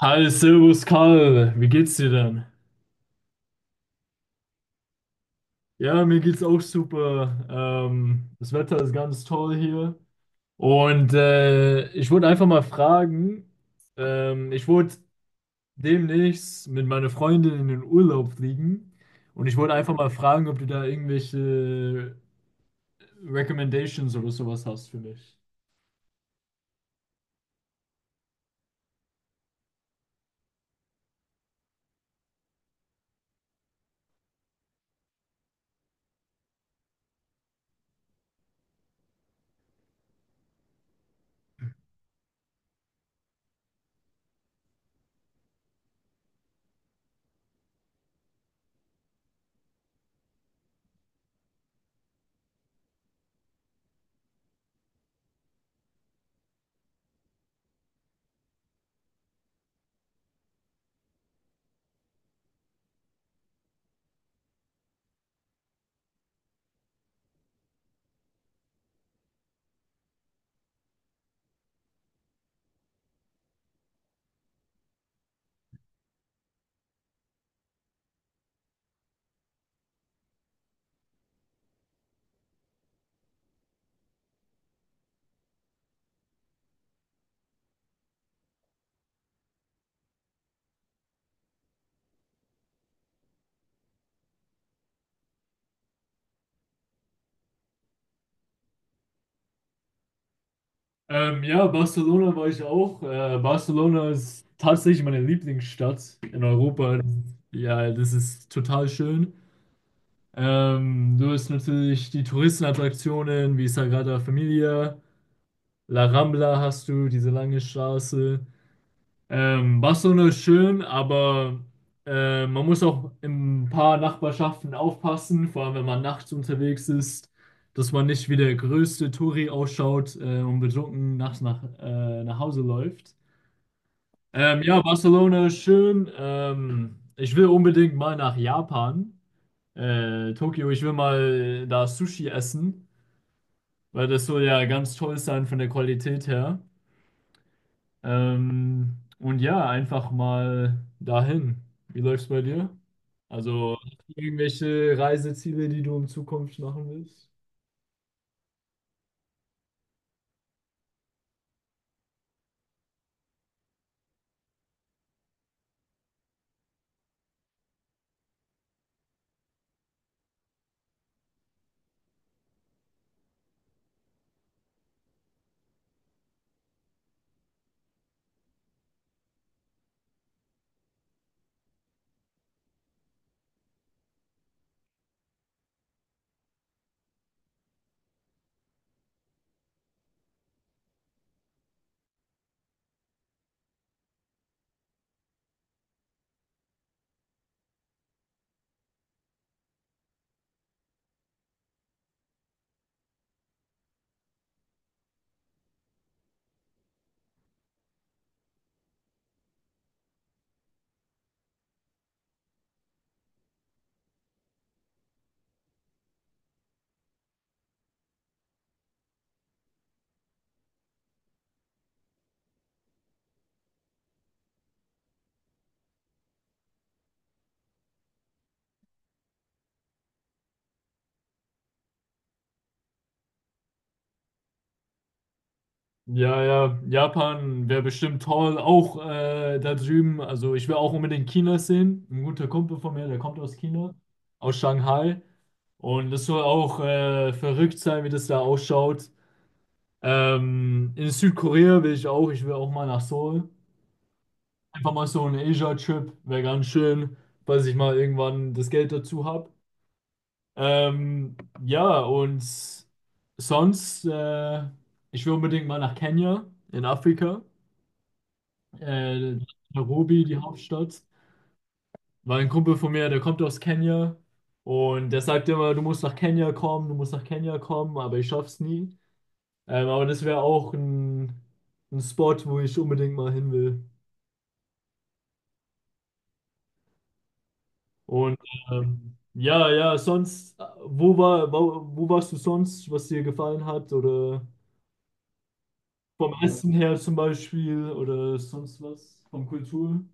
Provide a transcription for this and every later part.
Hi, Servus Karl, wie geht's dir denn? Ja, mir geht's auch super. Das Wetter ist ganz toll hier. Und ich wollte einfach mal fragen, ich wollte demnächst mit meiner Freundin in den Urlaub fliegen. Und ich wollte einfach mal fragen, ob du da irgendwelche Recommendations oder sowas hast für mich. Ja, Barcelona war ich auch. Barcelona ist tatsächlich meine Lieblingsstadt in Europa. Ja, das ist total schön. Du hast natürlich die Touristenattraktionen wie Sagrada Familia, La Rambla hast du, diese lange Straße. Barcelona ist schön, aber man muss auch in ein paar Nachbarschaften aufpassen, vor allem wenn man nachts unterwegs ist, dass man nicht wie der größte Touri ausschaut und betrunken nachts nach Hause läuft. Ja, Barcelona ist schön. Ich will unbedingt mal nach Japan, Tokio, ich will mal da Sushi essen, weil das soll ja ganz toll sein von der Qualität her. Und ja, einfach mal dahin. Wie läuft's bei dir? Also hast du irgendwelche Reiseziele, die du in Zukunft machen willst? Ja, ja, Japan wäre bestimmt toll. Auch da drüben, also ich will auch unbedingt China sehen. Ein guter Kumpel von mir, der kommt aus China, aus Shanghai. Und das soll auch verrückt sein, wie das da ausschaut. In Südkorea will ich auch, ich will auch mal nach Seoul. Einfach mal so ein Asia-Trip, wäre ganz schön, falls ich mal irgendwann das Geld dazu habe. Ähm, ja, und sonst, ich will unbedingt mal nach Kenia in Afrika, äh, Nairobi, die Hauptstadt, weil ein Kumpel von mir, der kommt aus Kenia und der sagt immer, du musst nach Kenia kommen, du musst nach Kenia kommen, aber ich schaff's nie. Aber das wäre auch ein Spot, wo ich unbedingt mal hin will. Und ja, ja, sonst, wo warst du sonst, was dir gefallen hat? Oder vom Essen her zum Beispiel oder sonst was? Vom Kultur?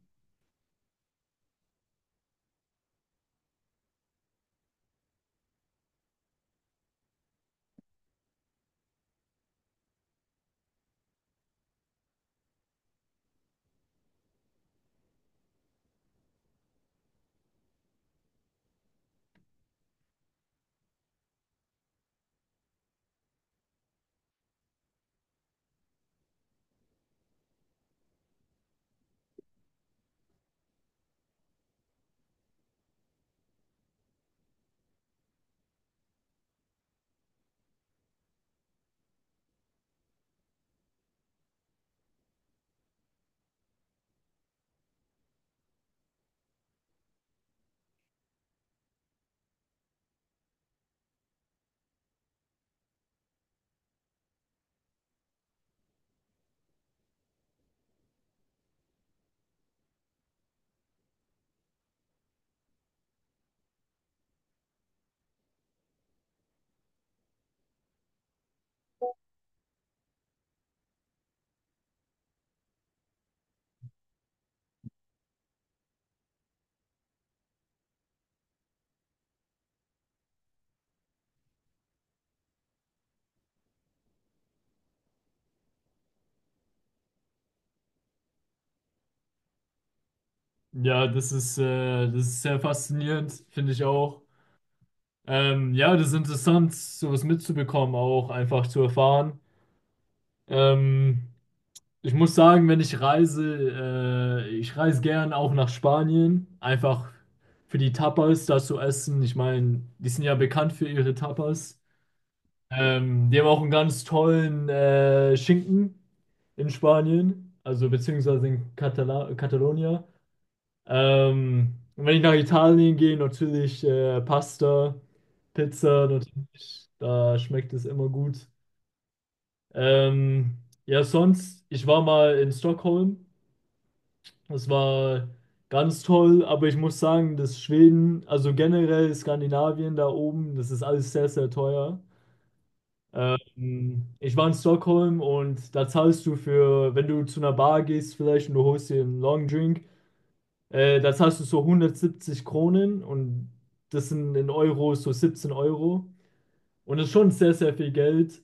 Ja, das ist sehr faszinierend, finde ich auch. Ja, das ist interessant, sowas mitzubekommen, auch einfach zu erfahren. Ähm, Ich muss sagen, wenn ich reise, ich reise gern auch nach Spanien, einfach für die Tapas da zu essen. Ich meine, die sind ja bekannt für ihre Tapas. Die haben auch einen ganz tollen Schinken in Spanien, also beziehungsweise in Katala Catalonia. Und wenn ich nach Italien gehe, natürlich Pasta, Pizza, natürlich, da schmeckt es immer gut. Ähm, ja, sonst, ich war mal in Stockholm. Es war ganz toll, aber ich muss sagen, dass Schweden, also generell Skandinavien da oben, das ist alles sehr, sehr teuer. Ich war in Stockholm und da zahlst du wenn du zu einer Bar gehst vielleicht und du holst dir einen Long Drink, da zahlst du so 170 Kronen und das sind in Euro so 17 Euro. Und das ist schon sehr, sehr viel Geld.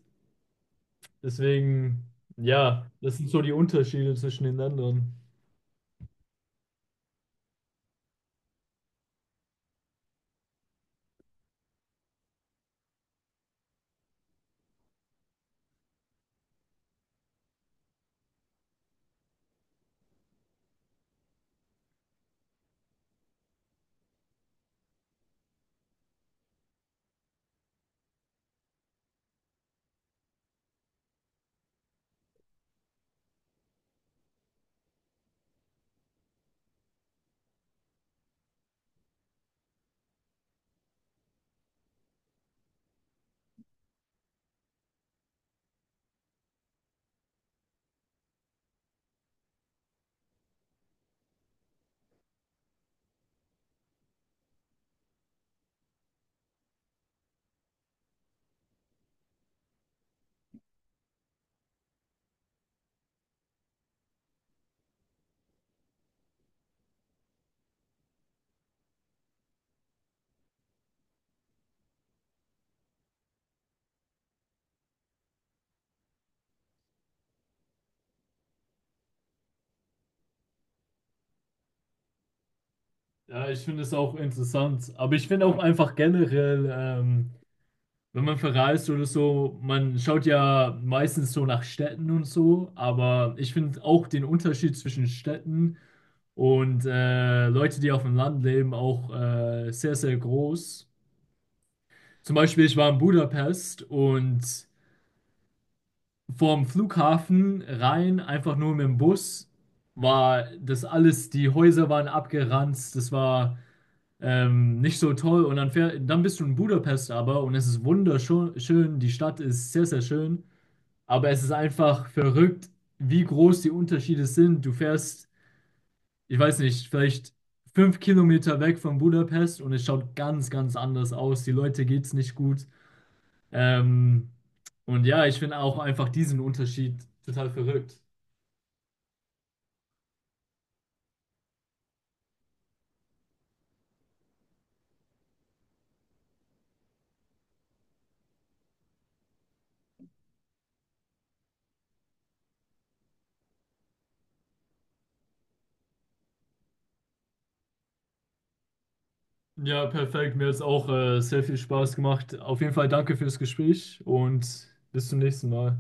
Deswegen, ja, das sind so die Unterschiede zwischen den Ländern. Ja, ich finde es auch interessant. Aber ich finde auch einfach generell, wenn man verreist oder so, man schaut ja meistens so nach Städten und so. Aber ich finde auch den Unterschied zwischen Städten und Leute, die auf dem Land leben, auch sehr, sehr groß. Zum Beispiel, ich war in Budapest und vorm Flughafen rein, einfach nur mit dem Bus, war das alles, die Häuser waren abgeranzt, das war nicht so toll. Und dann, dann bist du in Budapest aber und es ist wunderschön. Schön. Die Stadt ist sehr, sehr schön. Aber es ist einfach verrückt, wie groß die Unterschiede sind. Du fährst, ich weiß nicht, vielleicht 5 km weg von Budapest und es schaut ganz, ganz anders aus. Die Leute geht's nicht gut. Ähm, und ja, ich finde auch einfach diesen Unterschied total verrückt. Ja, perfekt. Mir hat es auch sehr viel Spaß gemacht. Auf jeden Fall danke fürs Gespräch und bis zum nächsten Mal.